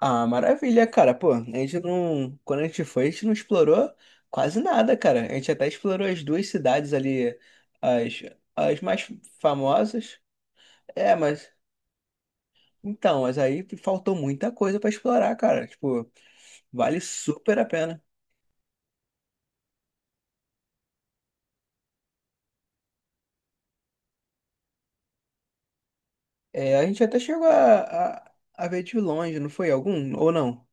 Ah, maravilha, cara. Pô, a gente não. Quando a gente foi, a gente não explorou quase nada, cara. A gente até explorou as duas cidades ali, as, as mais famosas. É, mas. Então, mas aí faltou muita coisa pra explorar, cara. Tipo, vale super a pena. É, a gente até chegou a ver de longe, não foi algum? Ou não?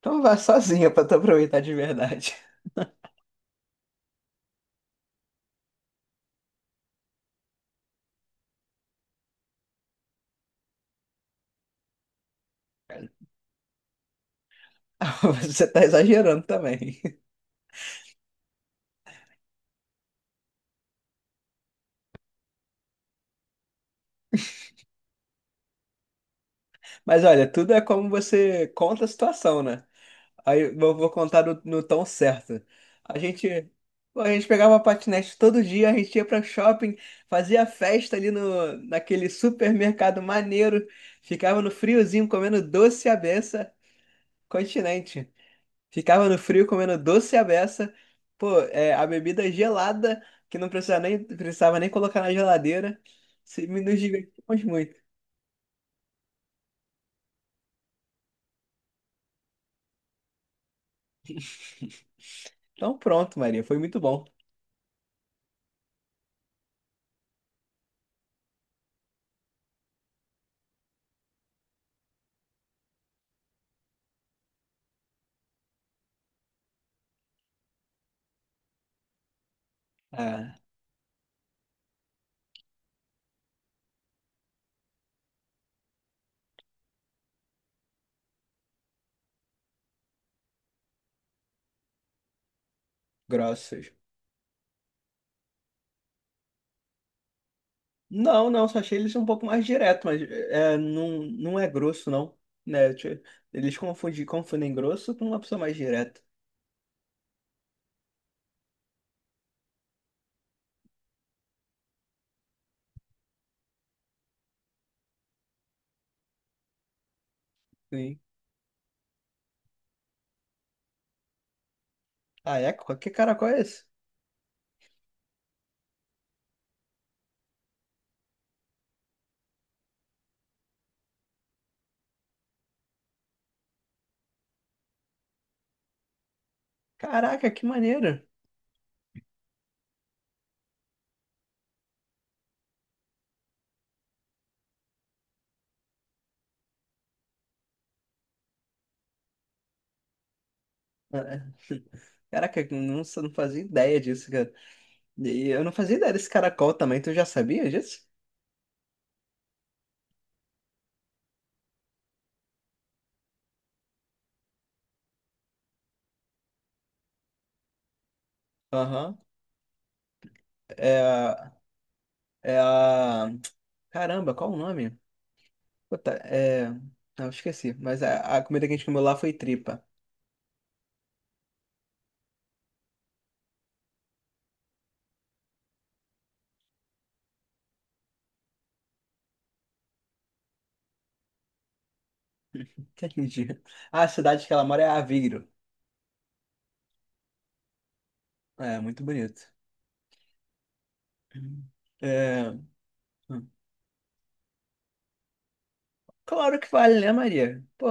Então vá sozinha pra tu aproveitar de verdade. Você tá exagerando também. Mas olha, tudo é como você conta a situação, né? Aí eu vou contar no tom certo. A gente, pô, a gente pegava patinete todo dia, a gente ia pra shopping, fazia festa ali no, naquele supermercado maneiro, ficava no friozinho comendo doce à beça, continente. Ficava no frio comendo doce à beça, pô, é, a bebida gelada, que não precisava nem, precisava nem colocar na geladeira. Nos divertimos muito. Então pronto, Maria, foi muito bom. Ah, grossos. Não, não, só achei eles um pouco mais direto, mas é, não, não é grosso, não. Né? Tipo, eles confundem, confundem grosso com uma pessoa mais direta. Sim. Ah, é? Que caracol é esse? Caraca, que maneiro! Ah, é. Caraca, eu não fazia ideia disso, cara. E eu não fazia ideia desse caracol também, tu já sabia disso? Aham. É, é a. Caramba, qual o nome? Puta, é. Não, esqueci. Mas a comida que a gente comeu lá foi tripa. Entendi. A cidade que ela mora é Aveiro. É, muito bonito. É. Hum. Claro que vale, né, Maria? Pô,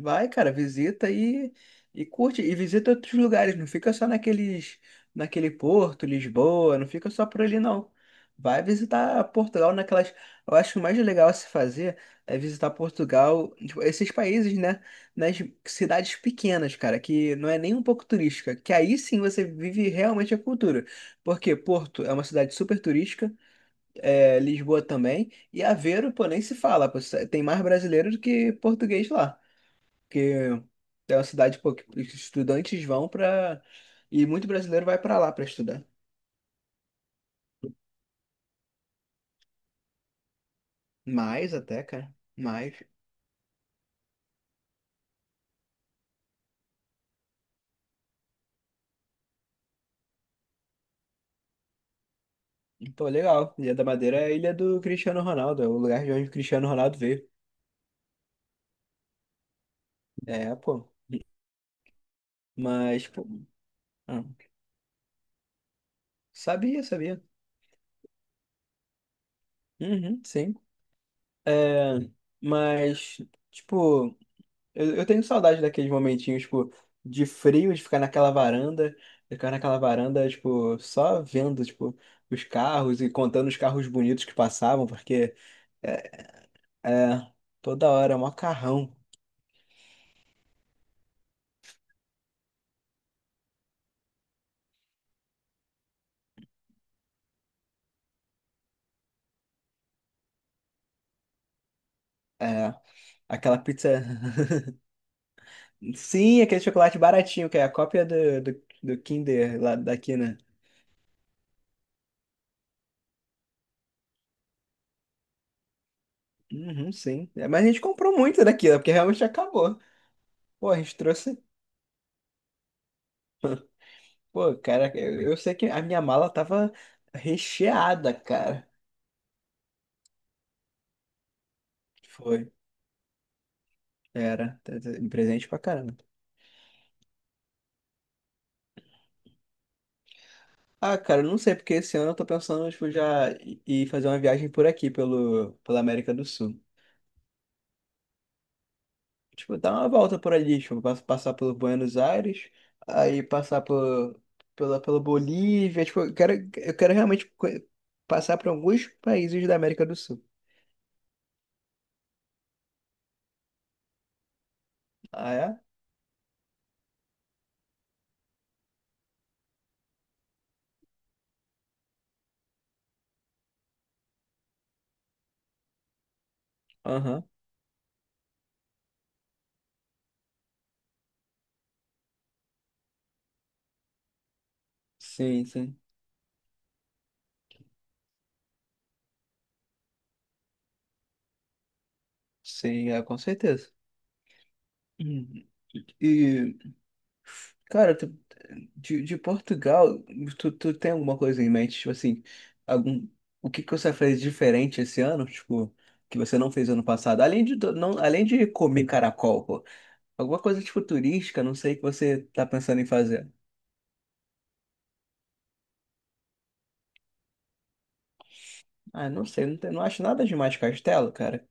vai, cara, visita e curte. E visita outros lugares, não fica só naqueles, naquele Porto, Lisboa, não fica só por ali, não. Vai visitar Portugal naquelas. Eu acho que o mais legal a se fazer é visitar Portugal, tipo, esses países, né? Nas cidades pequenas, cara, que não é nem um pouco turística, que aí sim você vive realmente a cultura. Porque Porto é uma cidade super turística, é, Lisboa também. E Aveiro, pô, nem se fala, pô, tem mais brasileiro do que português lá. Porque é uma cidade, pô, que os estudantes vão pra. E muito brasileiro vai pra lá pra estudar. Mais até, cara. Mais. Pô, legal. Ilha da Madeira é a ilha do Cristiano Ronaldo, é o lugar de onde o Cristiano Ronaldo veio. É, pô. Mas, pô. Ah, sabia, sabia. Uhum, sim. É, mas, tipo. Eu tenho saudade daqueles momentinhos, tipo, de frio, de ficar naquela varanda, tipo, só vendo, tipo, os carros e contando os carros bonitos que passavam, porque é, é, toda hora é um macarrão. É, aquela pizza. Sim, aquele chocolate baratinho, que é a cópia do Kinder lá daqui, né? Uhum, sim. É, mas a gente comprou muito daquilo, porque realmente acabou. Pô, a gente trouxe. Pô, cara, eu sei que a minha mala tava recheada, cara. Foi. Era, presente pra caramba. Ah, cara, eu não sei, porque esse ano eu tô pensando, tipo, ir fazer uma viagem por aqui, pela América do Sul. Tipo, dar uma volta por ali, tipo, passar pelo Buenos Aires, aí passar por, pela Bolívia, tipo, eu quero realmente passar por alguns países da América do Sul. Ah, é? Aham. Sim, sim. Sim, é, com certeza. Uhum. E cara, tu, de Portugal, tu tem alguma coisa em mente? Tipo assim, algum, o que que você fez diferente esse ano? Tipo, que você não fez ano passado? Além de, não, além de comer caracol, pô. Alguma coisa tipo turística, não sei, que você tá pensando em fazer. Ah, não sei, não, não acho nada demais de castelo, cara.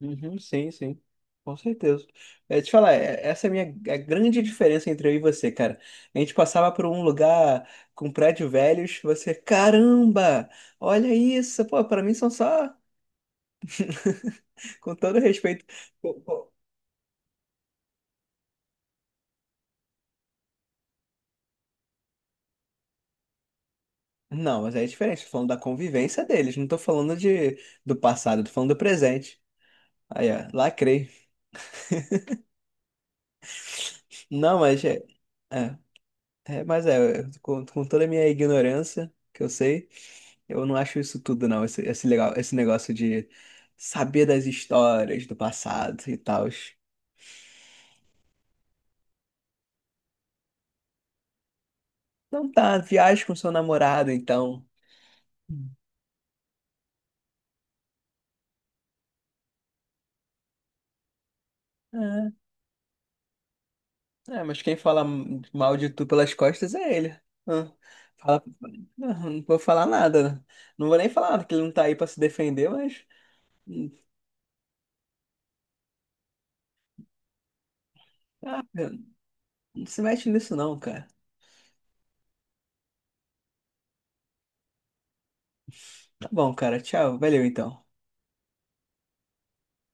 Uhum, sim, sim, com certeza. É, te falar, essa é a minha é a grande diferença entre eu e você, cara. A gente passava por um lugar com prédio velhos, você, caramba, olha isso, pô, pra mim são só, com todo respeito. Pô. Não, mas é diferente, tô falando da convivência deles, não tô falando de, do passado, tô falando do presente. Aí, ó, lacrei. Não, mas é, é, é, mas é, com toda a minha ignorância que eu sei. Eu não acho isso tudo, não. Esse legal, esse negócio de saber das histórias do passado e tal. Não tá, viaje com seu namorado, então. Hum. É, é, mas quem fala mal de tu pelas costas é ele. Ah, fala- não, não vou falar nada. Não vou nem falar nada, que ele não tá aí pra se defender, mas. Hum. Ah, não se mete nisso, não, cara. Tá bom, cara. Tchau. Valeu, então.